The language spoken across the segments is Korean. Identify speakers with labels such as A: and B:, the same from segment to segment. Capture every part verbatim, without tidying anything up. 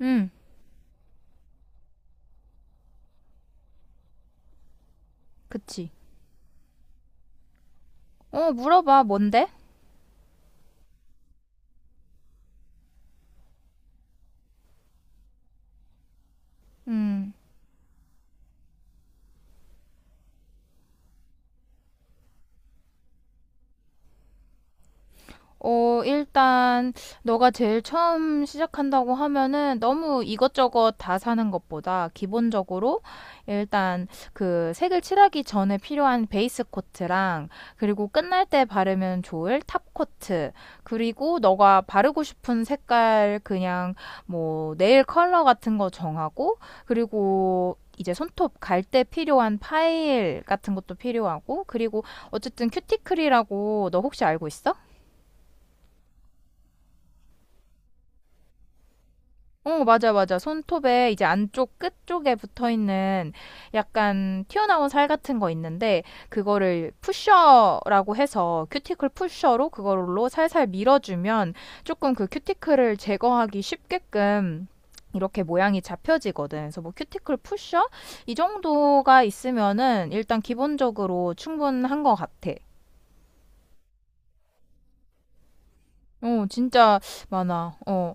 A: 응, 그치. 어, 물어봐. 뭔데? 음, 어, 일단, 너가 제일 처음 시작한다고 하면은 너무 이것저것 다 사는 것보다 기본적으로 일단 그 색을 칠하기 전에 필요한 베이스 코트랑, 그리고 끝날 때 바르면 좋을 탑 코트, 그리고 너가 바르고 싶은 색깔 그냥 뭐 네일 컬러 같은 거 정하고, 그리고 이제 손톱 갈 때 필요한 파일 같은 것도 필요하고, 그리고 어쨌든 큐티클이라고 너 혹시 알고 있어? 어, 맞아, 맞아. 손톱에 이제 안쪽 끝 쪽에 붙어 있는 약간 튀어나온 살 같은 거 있는데, 그거를 푸셔라고 해서 큐티클 푸셔로 그걸로 살살 밀어주면 조금 그 큐티클을 제거하기 쉽게끔 이렇게 모양이 잡혀지거든. 그래서 뭐 큐티클 푸셔? 이 정도가 있으면은 일단 기본적으로 충분한 것 같아. 어, 진짜 많아. 어.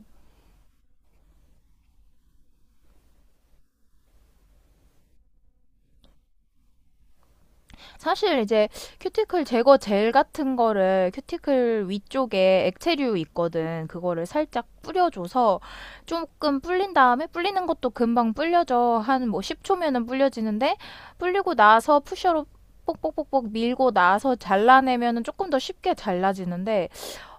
A: 사실 이제 큐티클 제거 젤 같은 거를 큐티클 위쪽에 액체류 있거든. 그거를 살짝 뿌려줘서 조금 불린 다음에, 불리는 것도 금방 불려져. 한 뭐 십 초면은 불려지는데, 불리고 나서 푸셔로 뽁뽁뽁뽁 밀고 나서 잘라내면은 조금 더 쉽게 잘라지는데,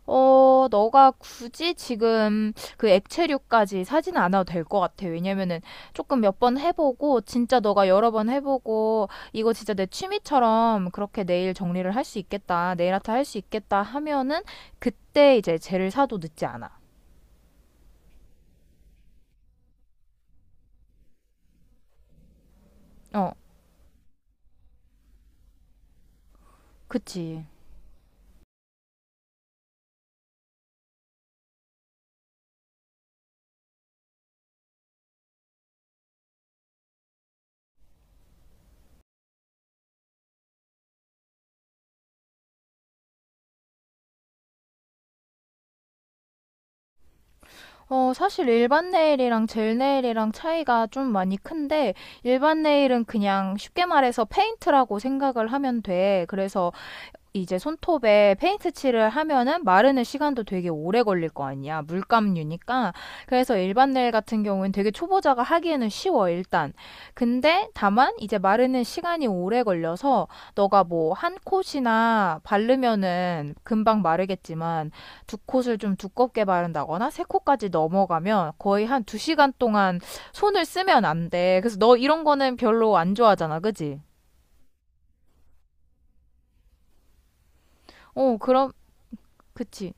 A: 어, 너가 굳이 지금 그 액체류까지 사지는 않아도 될 것 같아. 왜냐면은 조금 몇 번 해보고, 진짜 너가 여러 번 해보고, 이거 진짜 내 취미처럼 그렇게 네일 정리를 할 수 있겠다, 네일 아트 할 수 있겠다 하면은 그때 이제 젤을 사도 늦지 않아. 어, 그치. 어, 사실 일반 네일이랑 젤 네일이랑 차이가 좀 많이 큰데, 일반 네일은 그냥 쉽게 말해서 페인트라고 생각을 하면 돼. 그래서 이제 손톱에 페인트 칠을 하면은 마르는 시간도 되게 오래 걸릴 거 아니야. 물감류니까. 그래서 일반 네일 같은 경우는 되게 초보자가 하기에는 쉬워, 일단. 근데 다만 이제 마르는 시간이 오래 걸려서 너가 뭐 한 콧이나 바르면은 금방 마르겠지만 두 콧을 좀 두껍게 바른다거나 세 콧까지 넘어가면 거의 한 두 시간 동안 손을 쓰면 안 돼. 그래서 너 이런 거는 별로 안 좋아하잖아. 그지? 어, 그럼, 그치.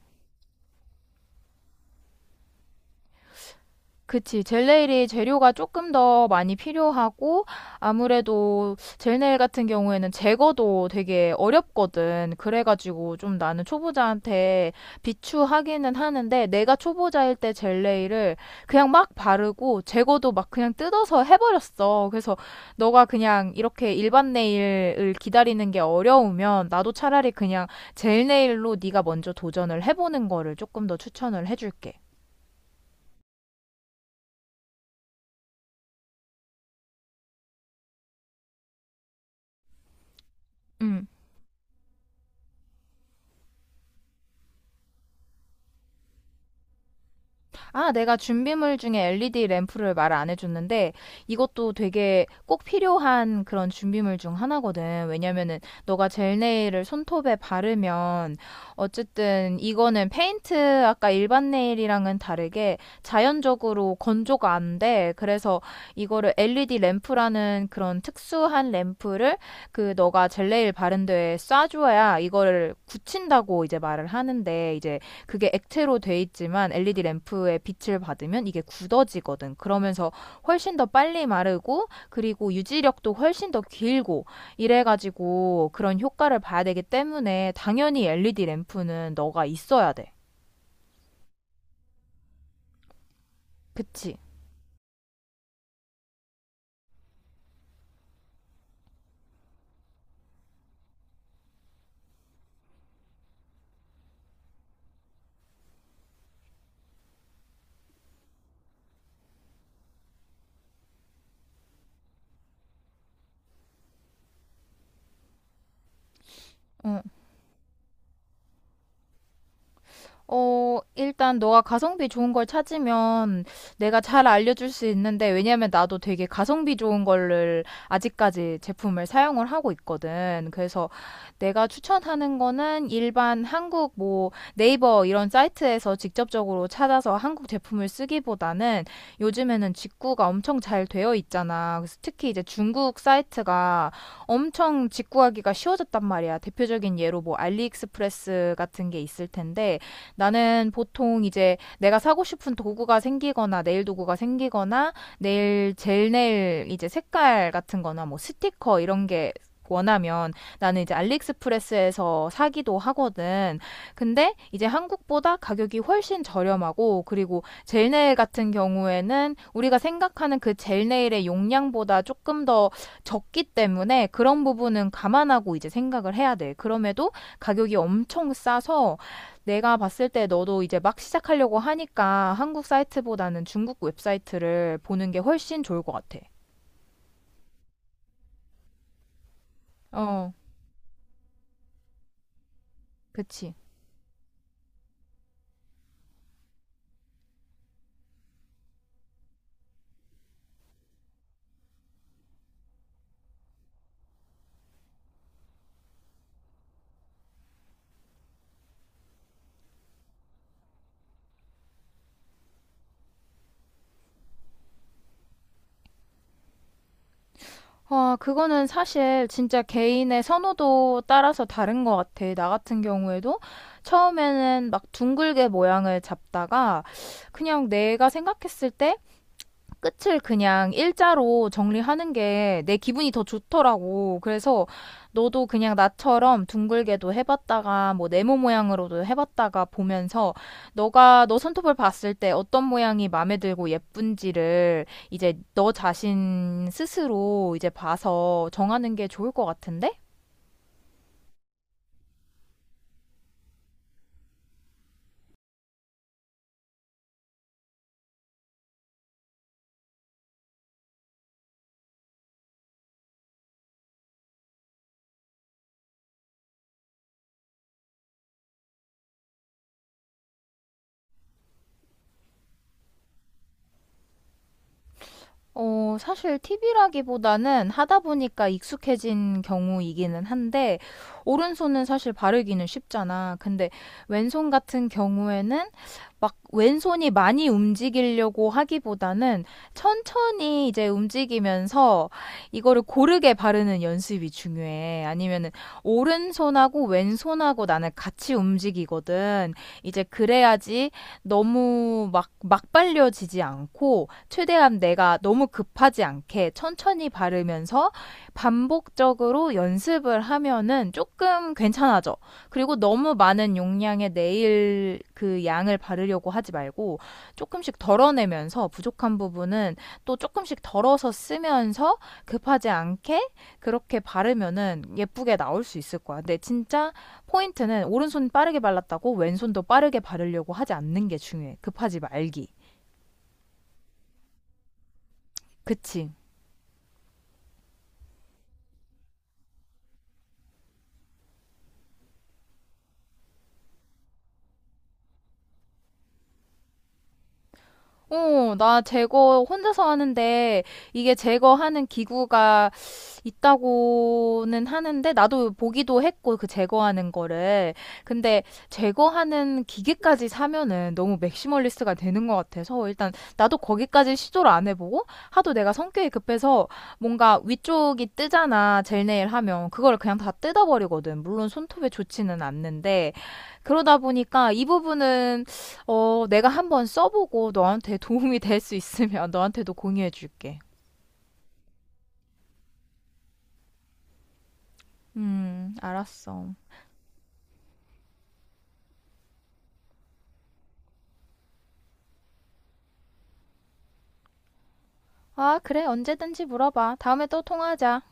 A: 그치. 젤네일이 재료가 조금 더 많이 필요하고, 아무래도 젤네일 같은 경우에는 제거도 되게 어렵거든. 그래가지고 좀 나는 초보자한테 비추하기는 하는데, 내가 초보자일 때 젤네일을 그냥 막 바르고, 제거도 막 그냥 뜯어서 해버렸어. 그래서 너가 그냥 이렇게 일반 네일을 기다리는 게 어려우면, 나도 차라리 그냥 젤네일로 네가 먼저 도전을 해보는 거를 조금 더 추천을 해줄게. 음. 아, 내가 준비물 중에 엘이디 램프를 말 안 해줬는데 이것도 되게 꼭 필요한 그런 준비물 중 하나거든. 왜냐면은 너가 젤네일을 손톱에 바르면 어쨌든 이거는 페인트 아까 일반 네일이랑은 다르게 자연적으로 건조가 안 돼. 그래서 이거를 엘이디 램프라는 그런 특수한 램프를 그 너가 젤네일 바른 데에 쏴줘야 이거를 굳힌다고 이제 말을 하는데, 이제 그게 액체로 돼 있지만 엘이디 램프의 빛을 받으면 이게 굳어지거든. 그러면서 훨씬 더 빨리 마르고 그리고 유지력도 훨씬 더 길고 이래가지고 그런 효과를 봐야 되기 때문에 당연히 엘이디 램프는 너가 있어야 돼. 그치? 응, 어, 일단 너가 가성비 좋은 걸 찾으면 내가 잘 알려줄 수 있는데, 왜냐면 나도 되게 가성비 좋은 거를 아직까지 제품을 사용을 하고 있거든. 그래서 내가 추천하는 거는 일반 한국 뭐 네이버 이런 사이트에서 직접적으로 찾아서 한국 제품을 쓰기보다는 요즘에는 직구가 엄청 잘 되어 있잖아. 그래서 특히 이제 중국 사이트가 엄청 직구하기가 쉬워졌단 말이야. 대표적인 예로 뭐 알리익스프레스 같은 게 있을 텐데, 나는 보통 이제 내가 사고 싶은 도구가 생기거나 네일 도구가 생기거나 네일 젤 네일 이제 색깔 같은 거나 뭐 스티커 이런 게 원하면 나는 이제 알리익스프레스에서 사기도 하거든. 근데 이제 한국보다 가격이 훨씬 저렴하고, 그리고 젤 네일 같은 경우에는 우리가 생각하는 그 젤 네일의 용량보다 조금 더 적기 때문에 그런 부분은 감안하고 이제 생각을 해야 돼. 그럼에도 가격이 엄청 싸서 내가 봤을 때 너도 이제 막 시작하려고 하니까 한국 사이트보다는 중국 웹사이트를 보는 게 훨씬 좋을 것 같아. 어, 그치. 와, 그거는 사실 진짜 개인의 선호도 따라서 다른 것 같아. 나 같은 경우에도 처음에는 막 둥글게 모양을 잡다가 그냥 내가 생각했을 때 끝을 그냥 일자로 정리하는 게 내 기분이 더 좋더라고. 그래서 너도 그냥 나처럼 둥글게도 해봤다가 뭐 네모 모양으로도 해봤다가 보면서 너가 너 손톱을 봤을 때 어떤 모양이 마음에 들고 예쁜지를 이제 너 자신 스스로 이제 봐서 정하는 게 좋을 것 같은데? 어, 사실 팁이라기보다는 하다 보니까 익숙해진 경우이기는 한데, 오른손은 사실 바르기는 쉽잖아. 근데 왼손 같은 경우에는 막 왼손이 많이 움직이려고 하기보다는 천천히 이제 움직이면서 이거를 고르게 바르는 연습이 중요해. 아니면은 오른손하고 왼손하고 나는 같이 움직이거든. 이제 그래야지 너무 막, 막 발려지지 않고, 최대한 내가 너무 급하지 않게 천천히 바르면서 반복적으로 연습을 하면은 조금 괜찮아져. 그리고 너무 많은 용량의 네일 그 양을 바르려고 하지 말고 조금씩 덜어내면서 부족한 부분은 또 조금씩 덜어서 쓰면서 급하지 않게 그렇게 바르면은 예쁘게 나올 수 있을 거야. 근데 진짜 포인트는 오른손 빠르게 발랐다고 왼손도 빠르게 바르려고 하지 않는 게 중요해. 급하지 말기. 그치. 어, 나 제거 혼자서 하는데 이게 제거하는 기구가 있다고는 하는데, 나도 보기도 했고 그 제거하는 거를. 근데 제거하는 기계까지 사면은 너무 맥시멀리스트가 되는 것 같아서 일단 나도 거기까지 시도를 안 해보고, 하도 내가 성격이 급해서 뭔가 위쪽이 뜨잖아. 젤네일 하면 그걸 그냥 다 뜯어버리거든. 물론 손톱에 좋지는 않는데 그러다 보니까 이 부분은 어, 내가 한번 써보고 너한테 도움이 될 수 있으면 너한테도 공유해줄게. 음, 알았어. 아, 그래. 언제든지 물어봐. 다음에 또 통화하자.